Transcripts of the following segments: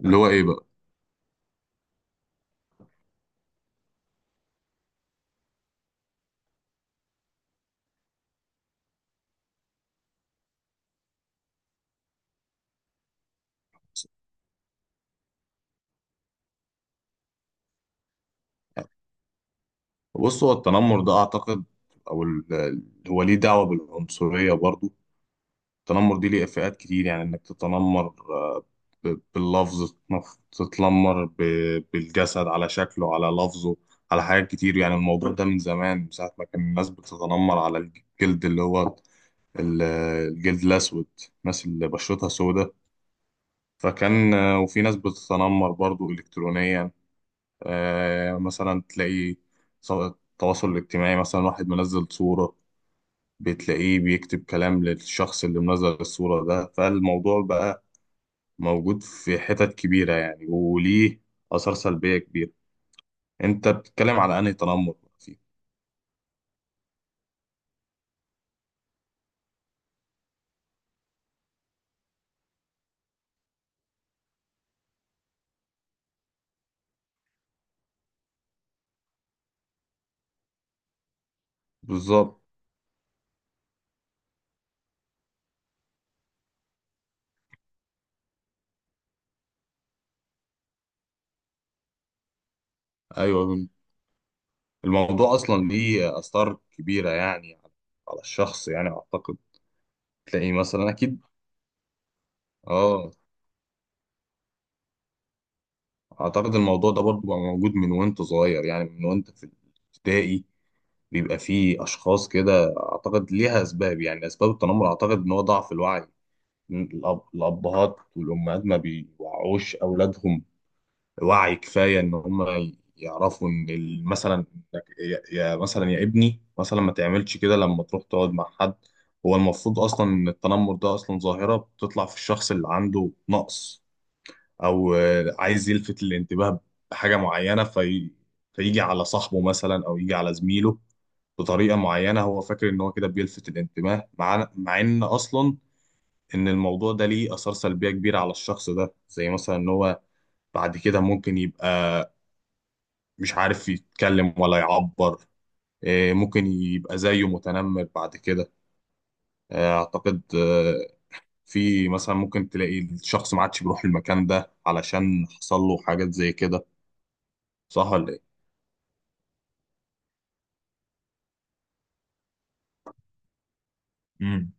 اللي هو ايه بقى؟ بص، هو التنمر ده اعتقد، او هو ليه دعوه بالعنصريه برضو. التنمر دي ليه فئات كتير، يعني انك تتنمر، باللفظ، تتنمر بالجسد، على شكله، على لفظه، على حاجات كتير. يعني الموضوع ده من زمان، من ساعه ما كان الناس بتتنمر على الجلد، اللي هو ال- الجلد الاسود، الناس اللي بشرتها سوداء. فكان وفي ناس بتتنمر برضو الكترونيا. مثلا تلاقي التواصل الاجتماعي، مثلا واحد منزل صورة، بتلاقيه بيكتب كلام للشخص اللي منزل الصورة ده. فالموضوع بقى موجود في حتت كبيرة يعني، وليه آثار سلبية كبيرة. انت بتتكلم على انهي تنمر بقى فيه؟ بالظبط. ايوه، الموضوع اصلا ليه آثار كبيرة يعني على الشخص، يعني اعتقد تلاقيه مثلا، اكيد. اه، اعتقد الموضوع ده برضو بقى موجود من وانت صغير، يعني من وانت في الابتدائي بيبقى فيه اشخاص كده. اعتقد ليها اسباب، يعني اسباب التنمر اعتقد ان هو ضعف الوعي. الابهات والامهات ما بيوعوش اولادهم وعي كفايه ان هم يعرفوا ان مثلا، مثلا يا ابني، مثلا ما تعملش كده لما تروح تقعد مع حد. هو المفروض اصلا ان التنمر ده اصلا ظاهره بتطلع في الشخص اللي عنده نقص، او عايز يلفت الانتباه بحاجه معينه فيجي على صاحبه مثلا، او يجي على زميله بطريقه معينه. هو فاكر ان هو كده بيلفت الانتباه، مع ان اصلا ان الموضوع ده ليه اثار سلبيه كبيره على الشخص ده، زي مثلا ان هو بعد كده ممكن يبقى مش عارف يتكلم ولا يعبر، ممكن يبقى زيه متنمر بعد كده. اعتقد في مثلا ممكن تلاقي الشخص ما عادش بيروح المكان ده علشان حصل له حاجات زي كده. صح ولا ايه؟ امم.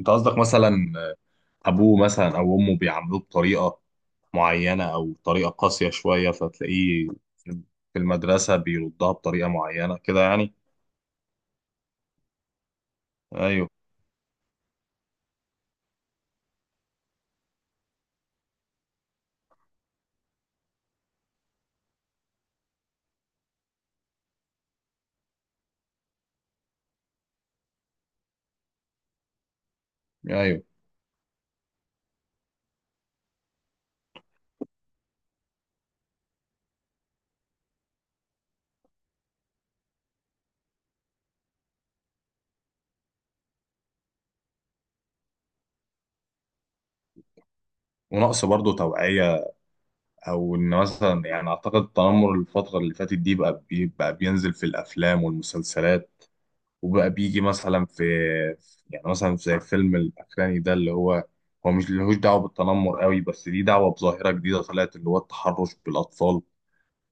انت قصدك مثلا ابوه مثلا او امه بيعاملوه بطريقه معينة أو طريقة قاسية شوية، فتلاقيه في المدرسة بيردها بطريقة معينة كده يعني. أيوه. أيوه، ونقص برضه توعية، أو إن مثلا يعني أعتقد التنمر الفترة اللي فاتت دي بقى بينزل في الأفلام والمسلسلات، وبقى بيجي مثلا يعني مثلا زي الفيلم الأخراني ده، اللي هو مش لهوش دعوة بالتنمر قوي، بس دي دعوة بظاهرة جديدة طلعت، اللي هو التحرش بالأطفال.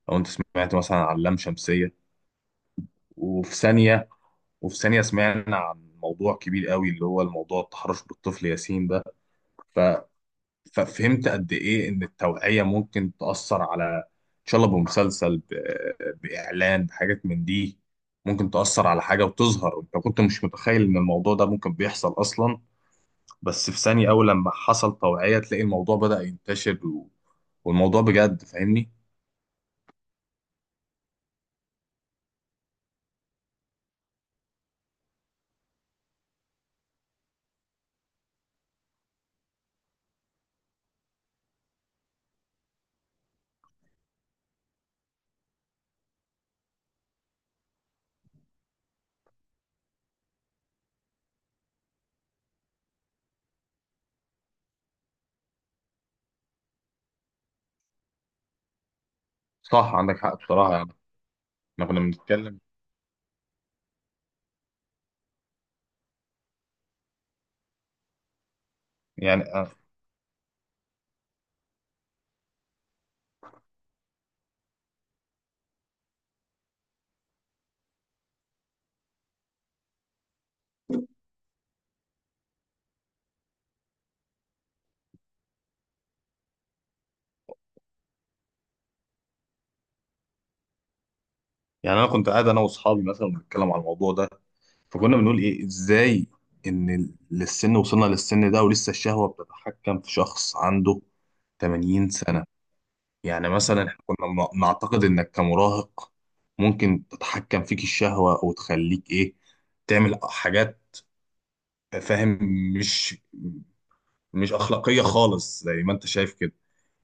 لو أنت سمعت مثلا عن لام شمسية، وفي ثانية وفي ثانية سمعنا عن موضوع كبير قوي، اللي هو الموضوع التحرش بالطفل ياسين ده. ف... ففهمت قد إيه إن التوعية ممكن تأثر على، إن شاء الله، بمسلسل، بإعلان، بحاجات من دي، ممكن تأثر على حاجة، وتظهر أنت كنت مش متخيل إن الموضوع ده ممكن بيحصل أصلا. بس في ثانية أول لما حصل توعية تلاقي الموضوع بدأ ينتشر. والموضوع بجد، فاهمني؟ صح، عندك حق بصراحة يعني. احنا كنا بنتكلم، يعني يعني أنا كنت قاعد أنا وأصحابي مثلا بنتكلم على الموضوع ده، فكنا بنقول ايه، ازاي ان للسن وصلنا للسن ده ولسه الشهوة بتتحكم في شخص عنده 80 سنة؟ يعني مثلا احنا كنا نعتقد انك كمراهق ممكن تتحكم فيك الشهوة وتخليك ايه، تعمل حاجات، فاهم، مش مش اخلاقية خالص زي ما انت شايف كده.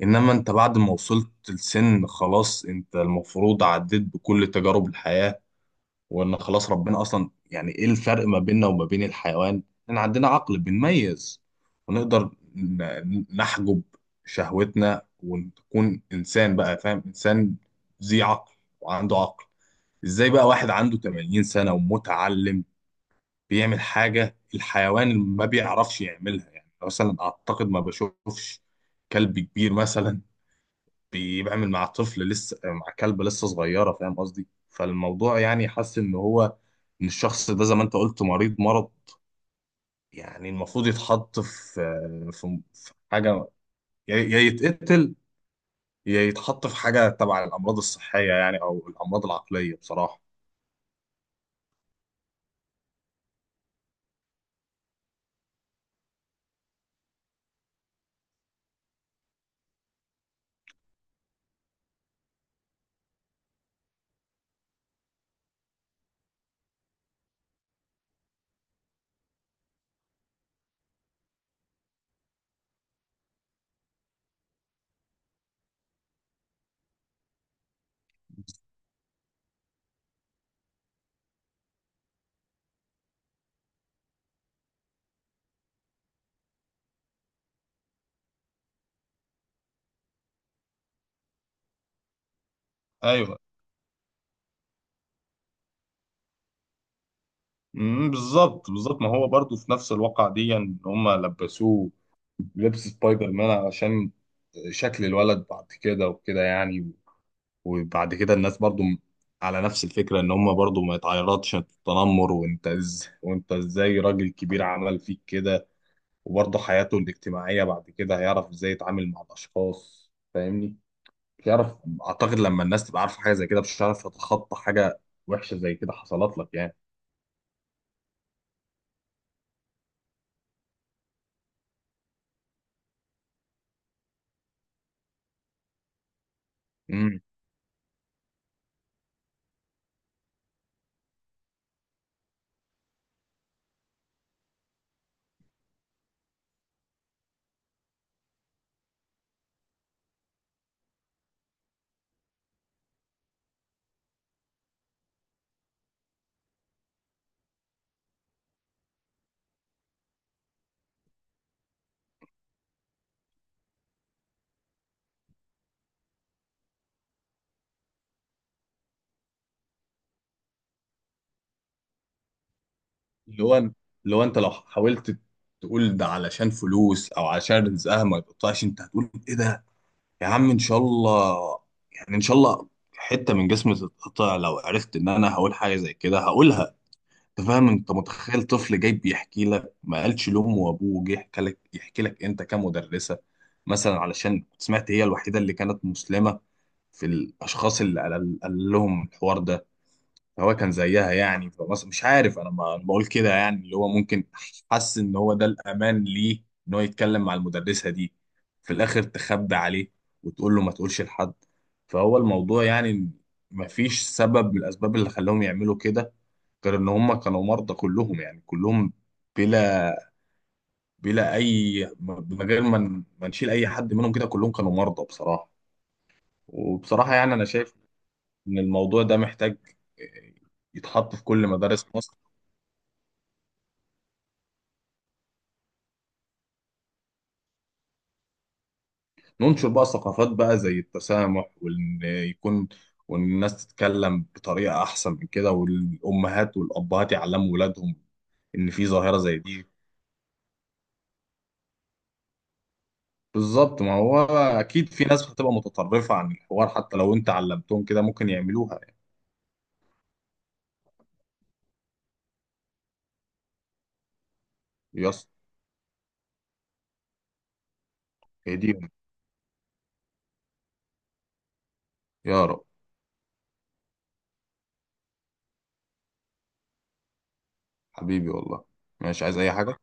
انما انت بعد ما وصلت لسن خلاص، انت المفروض عديت بكل تجارب الحياة، وان خلاص ربنا اصلا، يعني ايه الفرق ما بيننا وما بين الحيوان؟ ان عندنا عقل بنميز، ونقدر نحجب شهوتنا، ونكون انسان بقى، فاهم، انسان ذي عقل وعنده عقل. ازاي بقى واحد عنده 80 سنة ومتعلم بيعمل حاجة الحيوان ما بيعرفش يعملها؟ يعني مثلا اعتقد ما بشوفش كلب كبير مثلا بيعمل مع طفل لسه، مع كلب لسه صغيره، فاهم قصدي؟ فالموضوع يعني، حاسس ان هو ان الشخص ده زي ما انت قلت مريض مرض، يعني المفروض يتحط في، حاجه، يا يتقتل، يا يتحط في حاجه تبع الامراض الصحيه يعني، او الامراض العقليه بصراحه. ايوه. أمم، بالظبط، بالظبط ما هو برضو في نفس الواقع دي ان هم لبسوه لبس سبايدر مان علشان شكل الولد بعد كده وكده يعني. وبعد كده الناس برضو على نفس الفكرة ان هم برضو ما يتعرضش التنمر، وانت ازاي راجل كبير عمل فيك كده. وبرضو حياته الاجتماعية بعد كده هيعرف ازاي يتعامل مع الاشخاص، فاهمني؟ يعرف. اعتقد لما الناس تبقى عارفة حاجة زي كده مش هتعرف تتخطى حاجة وحشة زي كده حصلت لك يعني. امم. اللي هو اللي هو انت لو حاولت تقول ده علشان فلوس، او علشان رزقها ما يقطعش، انت هتقول ايه؟ ده يا عم ان شاء الله، يعني ان شاء الله حته من جسمي تتقطع لو عرفت ان انا هقول حاجه زي كده، هقولها. انت فاهم؟ انت متخيل طفل جاي بيحكي لك، ما قالش لامه وابوه، جه يحكي لك، انت كمدرسه مثلا، علشان سمعت هي الوحيده اللي كانت مسلمه في الاشخاص اللي قال لهم الحوار ده. هو كان زيها يعني، مش عارف انا، بقول كده يعني، اللي هو ممكن حس ان هو ده الامان ليه، ان هو يتكلم مع المدرسه دي. في الاخر تخبي عليه وتقول له ما تقولش لحد. فهو الموضوع يعني، ما فيش سبب من الاسباب اللي خلاهم يعملوا كده غير ان هم كانوا مرضى كلهم، يعني كلهم بلا بلا اي، من غير ما ما نشيل اي حد منهم، كده كلهم كانوا مرضى بصراحه. وبصراحه يعني انا شايف ان الموضوع ده محتاج يتحط في كل مدارس مصر، ننشر بقى ثقافات بقى زي التسامح، وان الناس تتكلم بطريقه احسن من كده، والامهات والابهات يعلموا ولادهم ان في ظاهره زي دي. بالظبط، ما هو اكيد في ناس هتبقى متطرفه عن الحوار، حتى لو انت علمتهم كده ممكن يعملوها يعني. يس. ايديهم، يا رب. حبيبي والله. ماشي، عايز اي حاجه؟